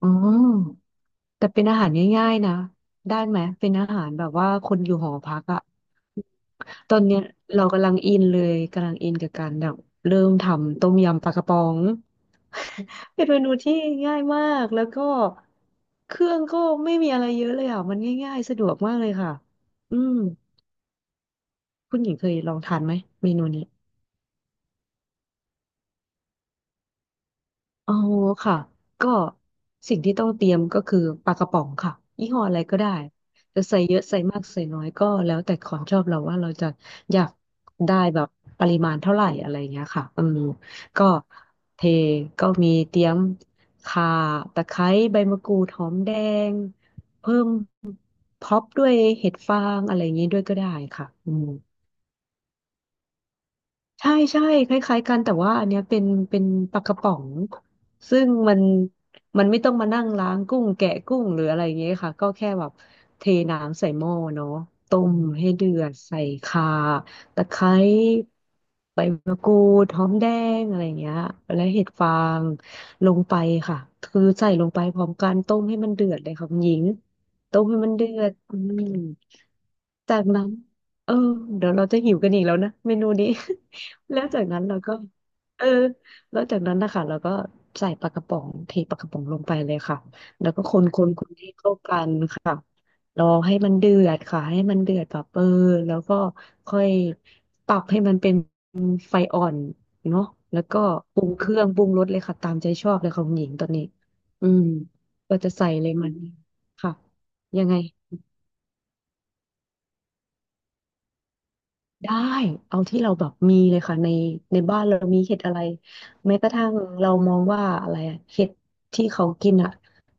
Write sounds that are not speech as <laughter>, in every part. อ๋อแต่เป็นอาหารง่ายๆนะ ได้ไหม เป็นอาหารแบบว่าคนอยู่หอพักอะ ตอนเนี้ยเรากำลังอินเลยกำลังอินกับการแบบเริ่มทำต้มยำปลากระป๋อง เป็นเมนูที่ง่ายมาก แล้วก็เครื่องก็ไม่มีอะไรเยอะเลยอ่ะมันง่ายๆสะดวกมากเลยค่ะ อืมคุณหญิงเคยลองทานไหมเมนูนี้ อ๋อค่ะก็สิ่งที่ต้องเตรียมก็คือปลากระป๋องค่ะยี่ห้ออะไรก็ได้จะใส่เยอะใส่มากใส่น้อยก็แล้วแต่ความชอบเราว่าเราจะอยากได้แบบปริมาณเท่าไหร่อะไรอย่างเงี้ยค่ะอืมก็เทก็มีเตรียมข่าตะไคร้ใบมะกรูดหอมแดงเพิ่มพร็อพด้วยเห็ดฟางอะไรอย่างงี้ด้วยก็ได้ค่ะอืม ใช่ใช่คล้ายๆกันแต่ว่าอันเนี้ยเป็นปลากระป๋องซึ่งมันไม่ต้องมานั่งล้างกุ้งแกะกุ้งหรืออะไรอย่างเงี้ยค่ะก็แค่แบบเทน้ำใส่หม้อเนาะต้มมให้เดือดใส่ข่าตะไคร้ใบมะกรูดหอมแดงอะไรอย่างเงี้ยและเห็ดฟางลงไปค่ะคือใส่ลงไปพร้อมกันต้มให้มันเดือดเลยค่ะคุณหญิงต้มให้มันเดือดอืมจากนั้นเออเดี๋ยวเราจะหิวกันอีกแล้วนะเมนูนี้ แล้วจากนั้นเราก็เออแล้วจากนั้นนะคะเราก็ใส่ปลากระป๋องเทปลากระป๋องลงไปเลยค่ะแล้วก็คนให้เข้ากันค่ะรอให้มันเดือดค่ะให้มันเดือดแบบแล้วก็ค่อยปรับให้มันเป็นไฟอ่อนเนาะแล้วก็ปรุงเครื่องปรุงรสเลยค่ะตามใจชอบเลยของหญิงตอนนี้อืมก็จะใส่เลยมันค่ะยังไง ได้เอาที่เราแบบมีเลยค่ะในบ้านเรามีเห็ดอะไรแม้กระทั่งเรามองว่าอะไรอะเห็ดที่เขากินอะ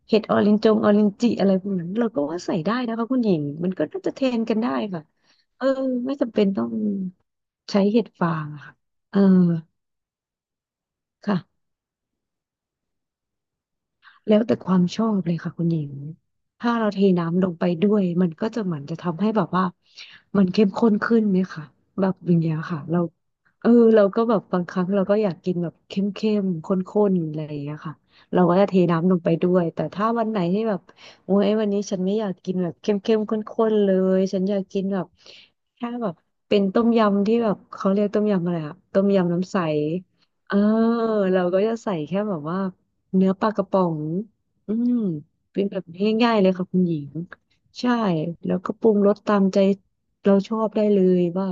เห็ดออรินจงออรินจิอะไรพวกนั้นเราก็ว่าใส่ได้นะคะคุณหญิงมันก็น่าจะเทรนกันได้ค่ะเออไม่จำเป็นต้องใช้เห็ดฟางอะค่ะเออค่ะ แล้วแต่ความชอบเลยค่ะคุณหญิงถ้าเราเทน้ำลงไปด้วยมันก็จะเหมือนจะทำให้แบบว่ามันเข้มข้นขึ้นไหมคะแบบอย่างเงี้ยค่ะเราเราก็แบบบางครั้งเราก็อยากกินแบบเข้มเข้มข้นข้นๆอะไรอย่างเงี้ยค่ะเราก็จะเทน้ำลงไปด้วยแต่ถ้าวันไหนที่แบบโอ้ยวันนี้ฉันไม่อยากกินแบบเข้มเข้มข้นข้นๆเลยฉันอยากกินแบบแค่แบบเป็นต้มยำที่แบบเขาเรียกต้มยำอะไรอะต้มยำน้ำใสเออเราก็จะใส่แค่แบบว่า เนื้อปลากระป๋องอืมเป็นแบบง่ายๆเลยค่ะคุณหญิง ใช่ แล้วก็ปรุงรสตามใจเราชอบได้เลยว่า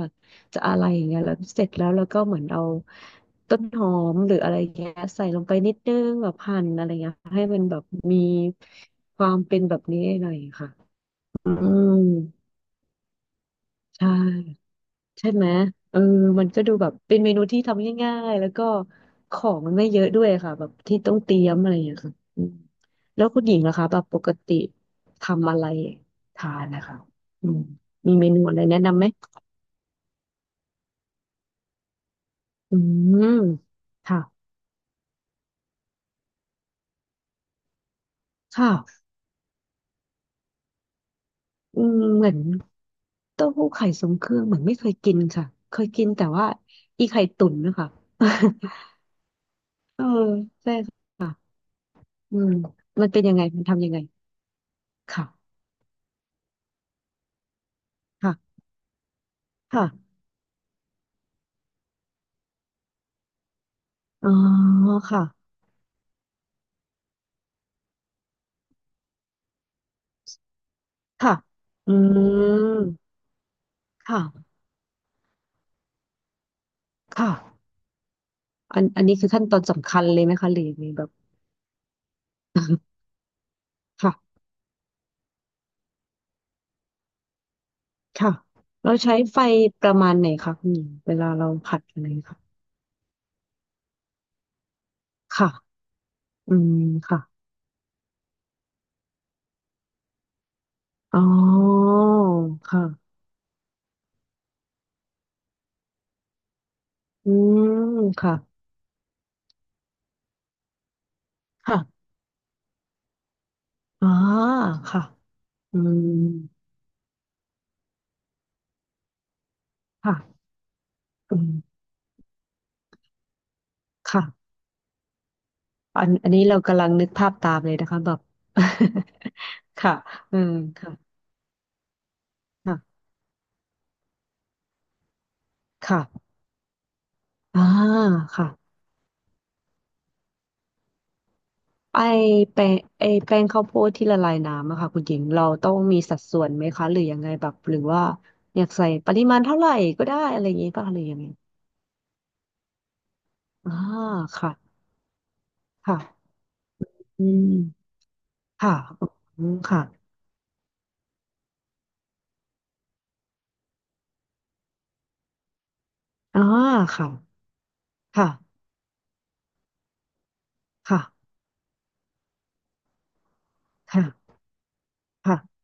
จะอะไรอย่างเงี้ยแล้วเสร็จแล้วเราก็เหมือนเอาต้นหอมหรืออะไรอย่างเงี้ยใส่ลงไปนิดนึงแบบหั่นอะไรเงี้ยให้มันแบบมีความเป็นแบบนี้หน่อยค่ะ อืม ใช่ ใช่ไหมเออมันก็ดูแบบเป็นเมนูที่ทำง่ายๆแล้วก็ของมันไม่เยอะด้วยค่ะแบบที่ต้องเตรียมอะไรอย่างเงี้ยค่ะอืมแล้วคุณหญิงนะคะแบบปกติทำอะไรทานนะคะอืมมีเมนูอะไรแนะนำไหมอืมค่ะค่ะอืมเหมือนเต้าหู้ไข่ทรงเครื่องเหมือนไม่เคยกินค่ะเคยกินแต่ว่าอีไข่ตุ๋นนะคะ <laughs> เออใช่ค่ะอืมมันเป็นยังไงมันทำยังไงค่ะค่ะค่ะ อ๋อค่ะค่ะอืมค่ะค่ะอันนี้คือขั้นตอนสำคัญเลยไหมคะหรือยังไงแบบค่ะค่ะเราใช้ไฟประมาณไหนคะคุณหญิงเวลาเราผัดอะไรค่ะค่ะอืมค่ะอ๋อค่ะอืมค่ะค่ะอ่าค่ะอืมค่ะอืมค่ะอันนี้เรากำลังนึกภาพตามเลยนะคะแบบ <laughs> ค่ะอืมค่ะค่ะค่ะอ่าค่ะ ไอแปลงไอแปลงข้าวโพดที่ละลายน้ำอะค่ะคุณหญิงเราต้องมีสัดส่วนไหมคะหรือยังไงแบบหรือว่าอยากใส่ปริมาณเท่าไหร่ก็ได้อะไรอย่างงี้ป่ะหรือยังไงอ่าค่ะค่ะอืมค่ะอืมค่ะอ่าค่ะค่ะค่ะค่ะค่ะ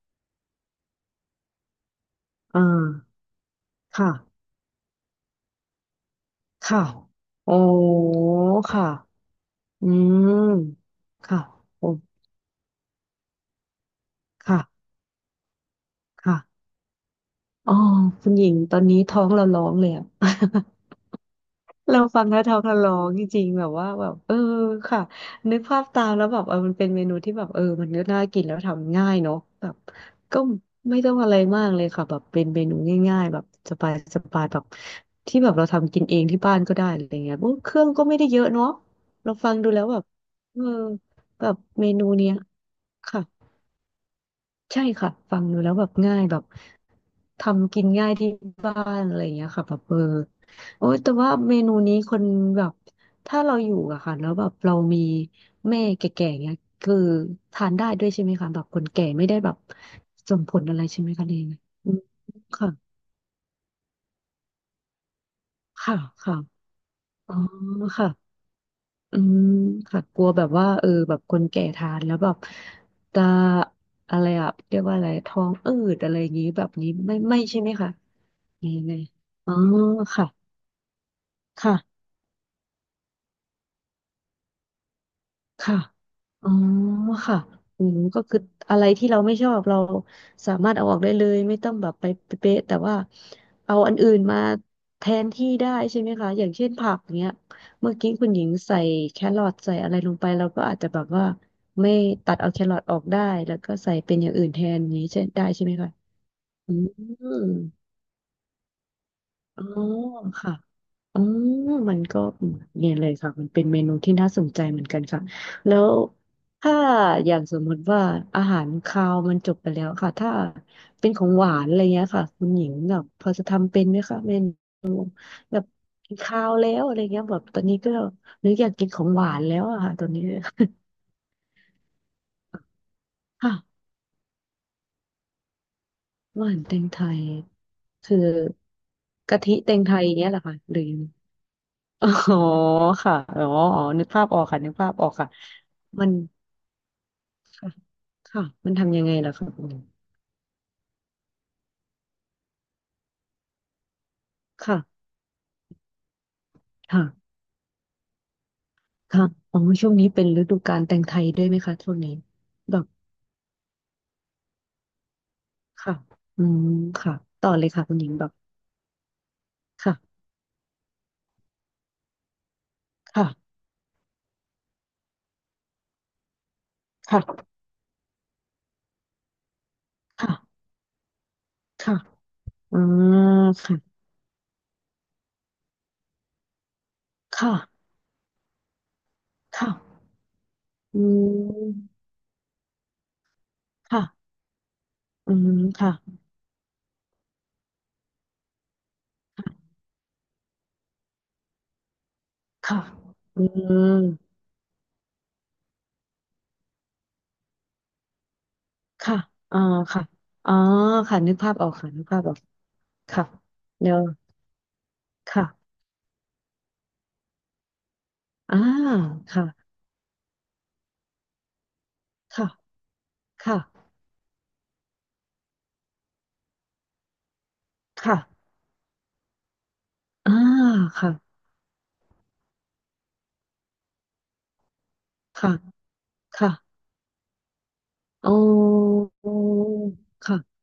อ่าค่ะค่ะโอ้ค่ะอืมค่ะโอ้ค่ะค่ะอ๋อคุณหญิงตอนนี้ท้องเราร้องเลยอะ <laughs> เราฟังแล้วท้องทะลองจริงๆแบบว่าแบบค่ะนึกภาพตามแล้วแบบมันเป็นเมนูที่แบบมันก็น่ากินแล้วทำง่ายเนาะแบบก็ไม่ต้องอะไรมากเลยค่ะแบบเป็นเมนูง่ายๆแบบสบายสบายแบบที่แบบเราทำกินเองที่บ้านก็ได้อะไรเงี้ยโอ้เครื่องก็ไม่ได้เยอะเนาะเราฟังดูแล้วแบบเออแบบเมนูเนี้ยค่ะ ใช่ค่ะฟังดูแล้วแบบง่ายแบบทำกินง่ายที่บ้านอะไรอย่างเงี้ยค่ะแบบโอ้ยแต่ว่าเมนูนี้คนแบบถ้าเราอยู่อะค่ะแล้วแบบเรามีแม่แก่ๆเงี้ยคือทานได้ด้วยใช่ไหมคะแบบคนแก่ไม่ได้แบบส่งผลอะไรใช่ไหมคะเองอืมค่ะค่ะค่ะอ๋อค่ะอืมค่ะกลัวแบบว่าแบบคนแก่ทานแล้วแบบจะอะไรอะเรียกว่าอะไรท้องอืดอะไรอย่างงี้แบบนี้ไม่ใช่ไหมคะ ยังไงอ๋อค่ะค่ะค่ะอ๋อค่ะอืมก็คืออะไรที่เราไม่ชอบเราสามารถเอาออกได้เลยไม่ต้องแบบไปเป๊ะๆแต่ว่าเอาอันอื่นมาแทนที่ได้ใช่ไหมคะอย่างเช่นผักเนี้ยเมื่อกี้คุณหญิงใส่แครอทใส่อะไรลงไปเราก็อาจจะแบบว่าไม่ตัดเอาแครอทออกได้แล้วก็ใส่เป็นอย่างอื่นแทนอย่างนี้ใช่ได้ใช่ไหมคะอืมอ๋อค่ะ อ๋อมันก็เนี่ยเลยค่ะมันเป็นเมนูที่น่าสนใจเหมือนกันค่ะแล้วถ้าอย่างสมมติว่าอาหารคาวมันจบไปแล้วค่ะถ้าเป็นของหวานอะไรเงี้ยค่ะคุณหญิงแบบพอจะทำเป็นไหมคะเป็นแบบกินคาวแล้วอะไรเงี้ยแบบตอนนี้ก็หรืออยากกินของหวานแล้วอะค่ะตอนนี้ <laughs> ค่ะหวานแตงไทยคือกะทิแตงไทยเงี้ยเหรอคะหรืออ๋อค่ะอ๋ออ๋อนึกภาพออกค่ะนึกภาพออกค่ะมัน ค่ะค่ะมันทำยังไงล่ะคะคุณหญิงค่ะค่ะค่ะอ๋อช่วงนี้เป็นฤดูกาลแตงไทยด้วยไหมคะช่วงนี้แบบค่ะอืมค่ะต่อเลยค่ะคุณหญิงแบบค่ะค่ะค่ะค่ะค่ะอืมค่ะค่ะค่ะอืมค่ะอืมค่ะค่ะอืมค่ะอ่าค่ะอ๋อค่ะนึกภาพออกค่ะนึกภาพออกค่ะเดี๋ยวค่ะอ่าค่ะค่ะค่ะค่ะ อ่าค่ะ ค่ะค่ะโอ้อค่ะ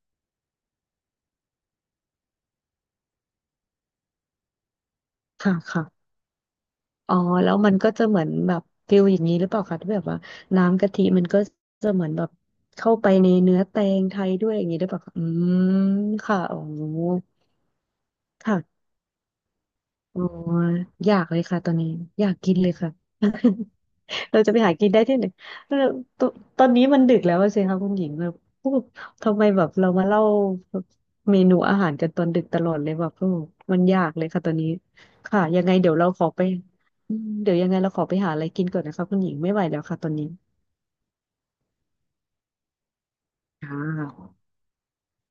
ค่ะค่ะอ๋อแล้วมันก็จะเหมือนแบบฟิลอย่างนี้หรือเปล่าคะที่แบบว่าน้ำกะทิมันก็จะเหมือนแบบเข้าไปในเนื้อแตงไทยด้วยอย่างนี้หรือเปล่าคะอืมค่ะอ๋อค่ะ อ๋ออยากเลยค่ะตอนนี้อยากกินเลยค่ะ <laughs> เราจะไปหากินได้ที่ไหนเออตตอนนี้มันดึกแล้วอะสิคะคุณหญิงแบบโอ้ทำไมแบบเรามาเล่าเมนูอาหารกันตอนดึกตลอดเลยแบบโอ้มันยากเลยค่ะตอนนี้ค่ะยังไงเดี๋ยวเราขอไปอืมเดี๋ยวยังไงเราขอไปหาอะไรกินก่อนนะคะคุณหญิงไม่ไหวแล้วค่ะตอนนี้ค่ะ